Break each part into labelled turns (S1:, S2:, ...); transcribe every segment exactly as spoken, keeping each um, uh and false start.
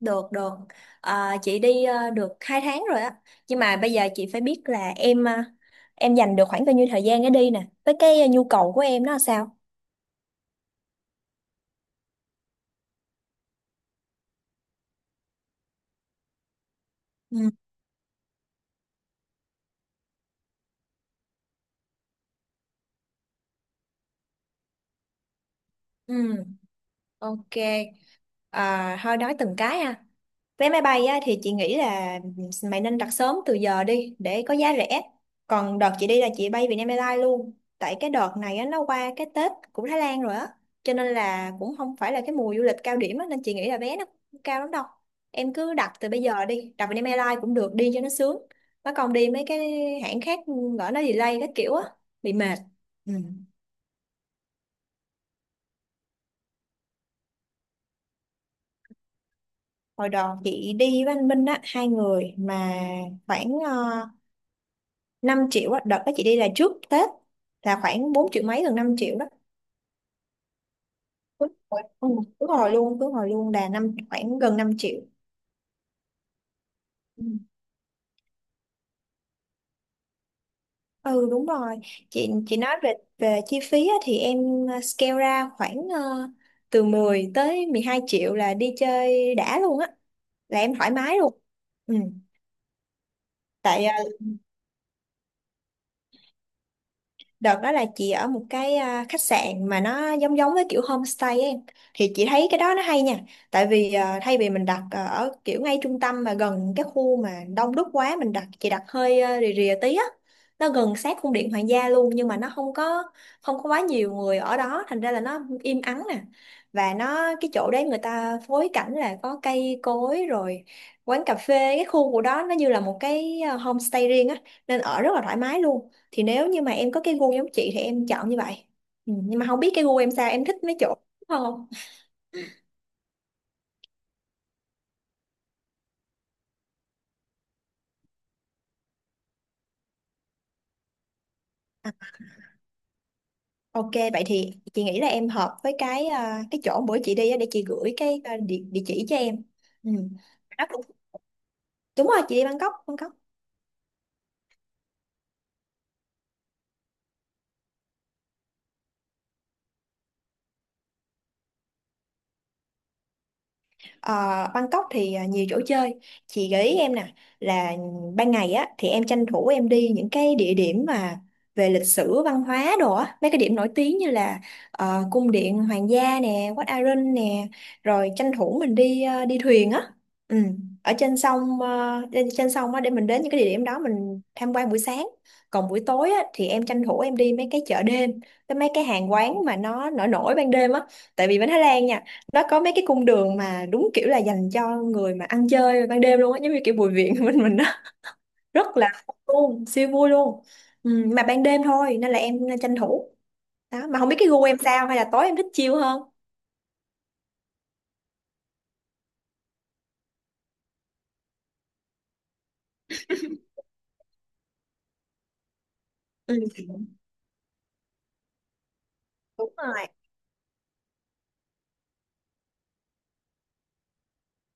S1: Được, được. À, chị đi ờ, được hai tháng rồi á. Nhưng mà bây giờ chị phải biết là em ờ, em dành được khoảng bao nhiêu thời gian để đi nè. Với cái ờ, nhu cầu của em nó là sao? Ừ. Ừ, ok. À, thôi nói từng cái ha. Vé máy bay á, thì chị nghĩ là mày nên đặt sớm từ giờ đi để có giá rẻ. Còn đợt chị đi là chị bay Vietnam Airlines luôn. Tại cái đợt này á, nó qua cái Tết của Thái Lan rồi á. Cho nên là cũng không phải là cái mùa du lịch cao điểm á, nên chị nghĩ là vé nó không cao lắm đâu. Em cứ đặt từ bây giờ đi, đặt Vietnam Airlines cũng được đi cho nó sướng. Nó còn đi mấy cái hãng khác lỡ nó delay các kiểu á, bị mệt. Ừ. Hồi đó chị đi với anh Minh á, hai người mà khoảng ờ, năm triệu á, đợt đó chị đi là trước Tết là khoảng bốn triệu mấy gần năm triệu đó. Đúng rồi, ừ, đúng rồi luôn, cứ hồi luôn là năm khoảng gần năm triệu. Ừ. Ừ đúng rồi. Chị chị nói về về chi phí á, thì em ờ, scale ra khoảng ờ, từ mười tới mười hai triệu là đi chơi đã luôn á, là em thoải mái luôn. Ừ. Tại ờ, Đợt đó là chị ở một cái à, khách sạn mà nó giống giống với kiểu homestay ấy. Thì chị thấy cái đó nó hay nha. Tại vì à, thay vì mình đặt à, ở kiểu ngay trung tâm mà gần cái khu mà đông đúc quá mình đặt chị đặt hơi à, rìa rìa tí á. Nó gần sát cung điện hoàng gia luôn nhưng mà nó không có không có quá nhiều người ở đó, thành ra là nó im ắng nè. Và nó cái chỗ đấy người ta phối cảnh là có cây cối rồi quán cà phê, cái khu của đó nó như là một cái à, homestay riêng á, nên ở rất là thoải mái luôn. Thì nếu như mà em có cái gu giống chị thì em chọn như vậy. Ừ, nhưng mà không biết cái gu em sao, em thích mấy chỗ đúng không? À, ok, vậy thì chị nghĩ là em hợp với cái à, cái chỗ bữa chị đi á, để chị gửi cái à, địa, địa chỉ cho em. Ừ. Đó cũng- đúng rồi, chị đi Bangkok Bangkok Ờ, Bangkok thì à, nhiều chỗ chơi, chị gợi ý em nè là ban ngày á thì em tranh thủ em đi những cái địa điểm mà về lịch sử văn hóa đồ á, mấy cái điểm nổi tiếng như là ờ, cung điện hoàng gia nè, Wat Arun nè, rồi tranh thủ mình đi ờ, đi thuyền á. Ừ. Ở trên sông, ờ, lên trên sông á để mình đến những cái địa điểm đó mình tham quan buổi sáng. Còn buổi tối á thì em tranh thủ em đi mấy cái chợ đêm, cái mấy cái hàng quán mà nó nổi nổi ban đêm á, tại vì bên Thái Lan nha, nó có mấy cái cung đường mà đúng kiểu là dành cho người mà ăn chơi ban đêm luôn á, giống như kiểu Bùi Viện bên mình đó, rất là vui luôn, siêu vui luôn. Ừ, mà ban đêm thôi nên là em tranh thủ đó. Mà không biết cái gu em sao, hay là tối em thích chill hơn. Ừ, đúng rồi.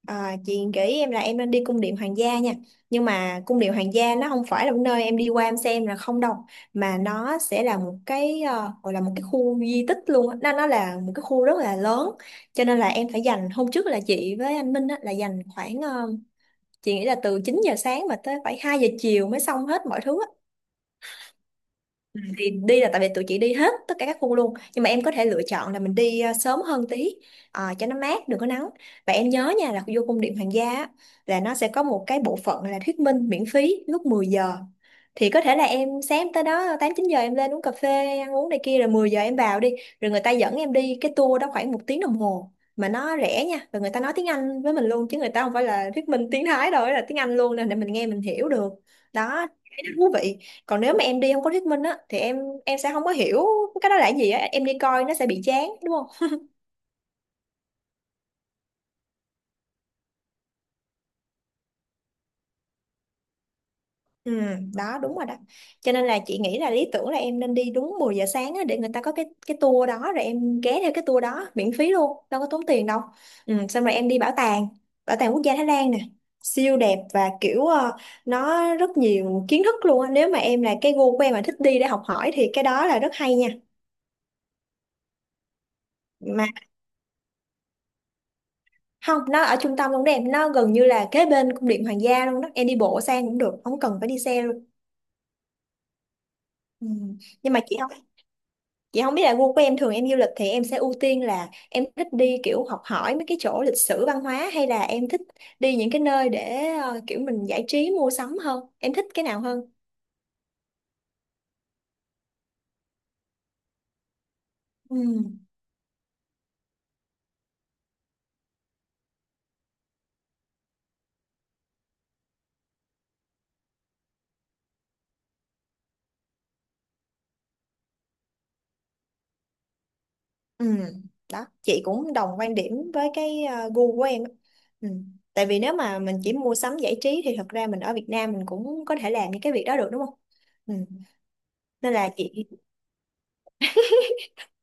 S1: À, chị gợi ý em là em nên đi cung điện hoàng gia nha, nhưng mà cung điện hoàng gia nó không phải là một nơi em đi qua em xem là không đâu, mà nó sẽ là một cái ờ, gọi là một cái khu di tích luôn á. nó nó là một cái khu rất là lớn, cho nên là em phải dành hôm trước là chị với anh Minh á, là dành khoảng ờ, chị nghĩ là từ chín giờ sáng mà tới phải hai giờ chiều mới xong hết mọi thứ á. Ừ. Thì đi là tại vì tụi chị đi hết tất cả các khu luôn, nhưng mà em có thể lựa chọn là mình đi à, sớm hơn tí, à, cho nó mát đừng có nắng. Và em nhớ nha, là vô cung điện Hoàng gia á, là nó sẽ có một cái bộ phận là thuyết minh miễn phí lúc mười giờ, thì có thể là em sáng tới đó tám chín giờ em lên uống cà phê ăn uống này kia rồi mười giờ em vào đi, rồi người ta dẫn em đi cái tour đó khoảng một tiếng đồng hồ mà nó rẻ nha, và người ta nói tiếng Anh với mình luôn chứ người ta không phải là thuyết minh tiếng Thái đâu, là tiếng Anh luôn nên để mình nghe mình hiểu được. Đó, thấy nó thú vị. Còn nếu mà em đi không có thuyết minh á thì em em sẽ không có hiểu cái đó là cái gì á, em đi coi nó sẽ bị chán đúng không? Ừ, đó đúng rồi đó. Cho nên là chị nghĩ là lý tưởng là em nên đi đúng mười giờ sáng á, để người ta có cái cái tour đó rồi em ghé theo cái tour đó miễn phí luôn, đâu có tốn tiền đâu. Ừ, xong rồi em đi bảo tàng, bảo tàng quốc gia Thái Lan nè, siêu đẹp và kiểu ờ, nó rất nhiều kiến thức luôn á. Nếu mà em là cái gu của em mà thích đi để học hỏi thì cái đó là rất hay nha. Mà không, nó ở trung tâm cũng đẹp, nó gần như là kế bên cung điện hoàng gia luôn đó, em đi bộ sang cũng được, không cần phải đi xe luôn. Ừ. Nhưng mà chị không chị không biết là gu của em thường em du lịch thì em sẽ ưu tiên là em thích đi kiểu học hỏi mấy cái chỗ lịch sử văn hóa, hay là em thích đi những cái nơi để ờ, kiểu mình giải trí mua sắm hơn, em thích cái nào hơn? Ừ. Ừ. Đó, chị cũng đồng quan điểm với cái ờ, gu của em á. Ừ. Tại vì nếu mà mình chỉ mua sắm giải trí thì thật ra mình ở Việt Nam mình cũng có thể làm những cái việc đó được đúng không? Ừ. Nên là chị-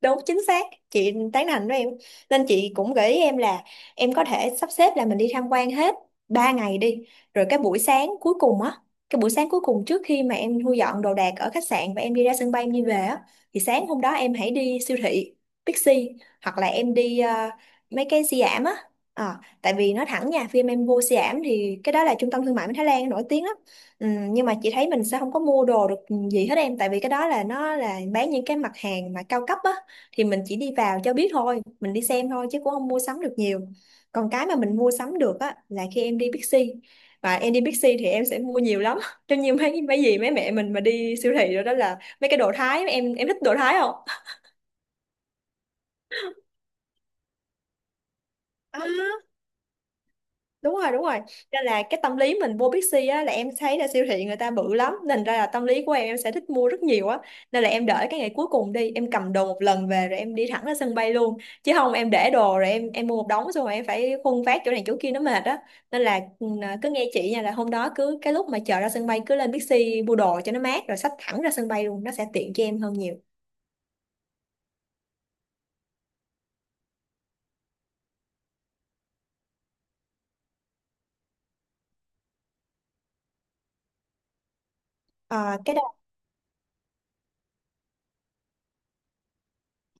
S1: đúng, chính xác, chị tán thành với em. Nên chị cũng gợi ý em là em có thể sắp xếp là mình đi tham quan hết ba ngày đi, rồi cái buổi sáng cuối cùng á, cái buổi sáng cuối cùng trước khi mà em thu dọn đồ đạc ở khách sạn và em đi ra sân bay em đi về á, thì sáng hôm đó em hãy đi siêu thị Bixi, hoặc là em đi ờ, mấy cái Siam giảm á. Ờ, tại vì nói thẳng nha, phim em vô Siam thì cái đó là trung tâm thương mại của Thái Lan nổi tiếng lắm. Ừ, nhưng mà chị thấy mình sẽ không có mua đồ được gì hết em, tại vì cái đó là nó là bán những cái mặt hàng mà cao cấp á, thì mình chỉ đi vào cho biết thôi, mình đi xem thôi chứ cũng không mua sắm được nhiều. Còn cái mà mình mua sắm được á là khi em đi Bixi, và em đi Bixi thì em sẽ mua nhiều lắm trong như mấy mấy gì mấy mẹ mình mà đi siêu thị rồi đó, là mấy cái đồ Thái, em em thích đồ Thái không? À. Đúng rồi, đúng rồi. Nên là cái tâm lý mình vô Bixi á là em thấy là siêu thị người ta bự lắm nên ra là tâm lý của em em sẽ thích mua rất nhiều á. Nên là em đợi cái ngày cuối cùng đi, em cầm đồ một lần về rồi em đi thẳng ra sân bay luôn, chứ không em để đồ rồi em em mua một đống xong rồi em phải khuân vác chỗ này chỗ kia nó mệt á. Nên là ừ, à, cứ nghe chị nha, là hôm đó cứ cái lúc mà chờ ra sân bay cứ lên Bixi mua đồ cho nó mát rồi xách thẳng ra sân bay luôn, nó sẽ tiện cho em hơn nhiều. à, cái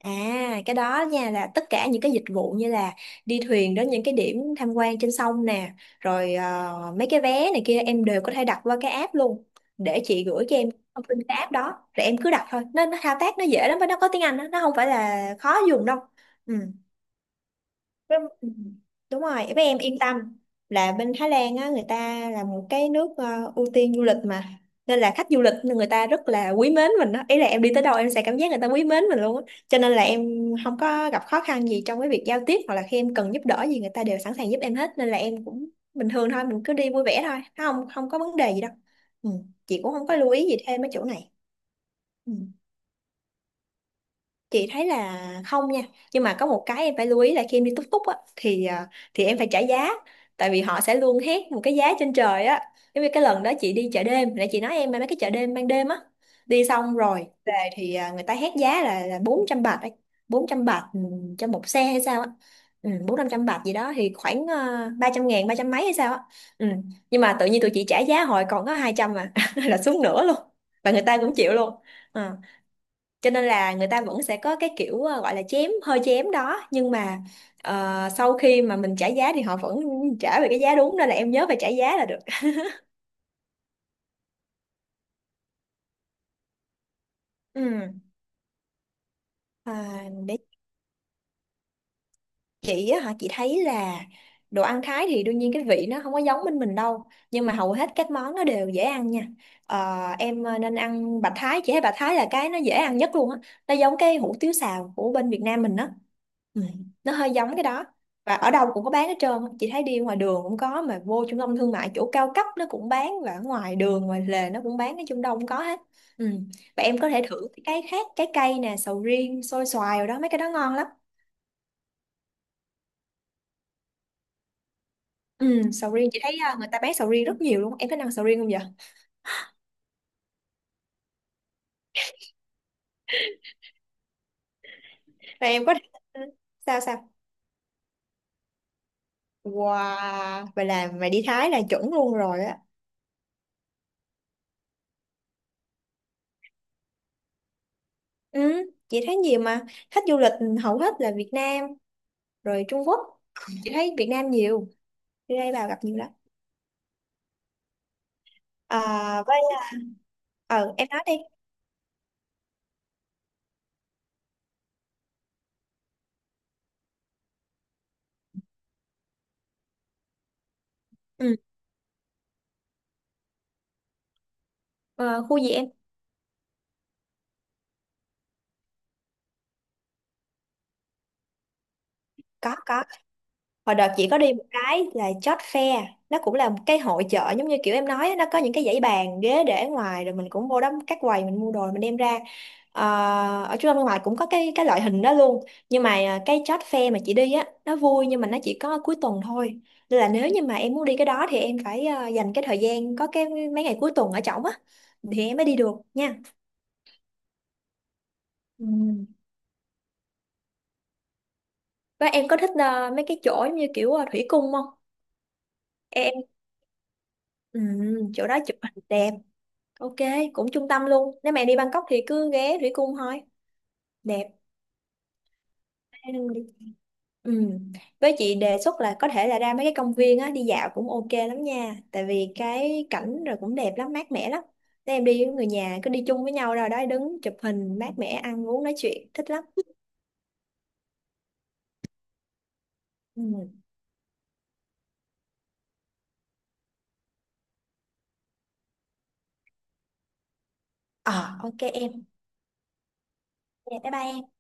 S1: À, cái đó nha là tất cả những cái dịch vụ như là đi thuyền đến những cái điểm tham quan trên sông nè, rồi ờ, mấy cái vé này kia em đều có thể đặt qua cái app luôn. Để chị gửi cho em thông tin cái app đó, rồi em cứ đặt thôi. Nó nó thao tác nó dễ lắm và nó có tiếng Anh đó, nó không phải là khó dùng đâu. Ừ. Với- ừ, Đúng rồi, với em yên tâm là bên Thái Lan á, người ta là một cái nước ờ, ưu tiên du lịch mà, nên là khách du lịch người ta rất là quý mến mình đó. Ý là em đi tới đâu em sẽ cảm giác người ta quý mến mình luôn á, cho nên là em không có gặp khó khăn gì trong cái việc giao tiếp, hoặc là khi em cần giúp đỡ gì người ta đều sẵn sàng giúp em hết, nên là em cũng bình thường thôi, mình cứ đi vui vẻ thôi, không không có vấn đề gì đâu. Ừ. Chị cũng không có lưu ý gì thêm mấy chỗ này. Ừ, chị thấy là không nha. Nhưng mà có một cái em phải lưu ý là khi em đi túc túc á thì à, thì em phải trả giá, tại vì họ sẽ luôn hét một cái giá trên trời á. Giống như cái lần đó chị đi chợ đêm, nãy chị nói em mà, mấy cái chợ đêm ban đêm á, đi xong rồi về thì à, người ta hét giá là là bốn trăm bạc ấy. Bốn trăm bạc, ừ, cho một xe hay sao á. Ừ, bốn năm trăm bạc gì đó thì khoảng uh, ba trăm ngàn, ba trăm mấy hay sao á. Ừ. Nhưng mà tự nhiên tụi chị trả giá hồi còn có hai trăm mà là xuống nửa luôn, và người ta cũng chịu luôn. Ờ, cho nên là người ta vẫn sẽ có cái kiểu ờ, gọi là chém, hơi chém đó, nhưng mà ờ, sau khi mà mình trả giá thì họ vẫn trả về cái giá đúng, nên là em nhớ phải trả giá là được. Ừ. À, chị á hả, chị thấy là đồ ăn Thái thì đương nhiên cái vị nó không có giống bên mình đâu, nhưng mà hầu hết các món nó đều dễ ăn nha. Ờ, em ờ, nên ăn bạch Thái, chị thấy bạch Thái là cái nó dễ ăn nhất luôn á. Nó giống cái hủ tiếu xào của bên Việt Nam mình á. Ừ, nó hơi giống cái đó, và ở đâu cũng có bán hết trơn á. Chị thấy đi ngoài đường cũng có, mà vô trung tâm thương mại chỗ cao cấp nó cũng bán, và ở ngoài đường ngoài lề nó cũng bán, nói chung đâu cũng có hết. Ừ. Và em có thể thử cái khác, trái cây nè, sầu riêng, xôi xoài rồi đó, mấy cái đó ngon lắm. Ừ, sầu riêng chị thấy à, người ta bán sầu riêng rất nhiều luôn, em có ăn sầu riêng không vậy? Rồi em có sao sao? Wow, vậy là mày đi Thái là chuẩn luôn rồi á. Ừ, chị thấy nhiều mà, khách du lịch hầu hết là Việt Nam rồi Trung Quốc. Chị thấy Việt Nam nhiều, đi đây vào gặp nhiều lắm. À, với ờ em nói đi. Ừ. Ờ, khu gì em? Có có. Hồi đợt chị có đi một cái là chót Fair, nó cũng là một cái hội chợ giống như kiểu em nói á, nó có những cái dãy bàn ghế để ngoài rồi mình cũng vô đó các quầy mình mua đồ mình đem ra. Ờ, ở trung tâm thương mại cũng có cái cái loại hình đó luôn, nhưng mà à, cái chót Fair mà chị đi á nó vui, nhưng mà nó chỉ có cuối tuần thôi, nên là nếu như mà em muốn đi cái đó thì em phải à, dành cái thời gian có cái mấy ngày cuối tuần ở trỏng á thì em mới đi được nha. Ừ. Và em có thích à, mấy cái chỗ giống như kiểu à, thủy cung không? Em ừ, chỗ đó chụp hình đẹp. Ok, cũng trung tâm luôn. Nếu mẹ đi Bangkok thì cứ ghé Thủy Cung thôi. Đẹp. Ừ. Với chị đề xuất là có thể là ra mấy cái công viên á, đi dạo cũng ok lắm nha. Tại vì cái cảnh rồi cũng đẹp lắm, mát mẻ lắm. Nếu em đi với người nhà cứ đi chung với nhau rồi đó, đứng chụp hình, mát mẻ, ăn uống nói chuyện thích lắm. Ừ. Ờ ok em. Dạ, bye bye em.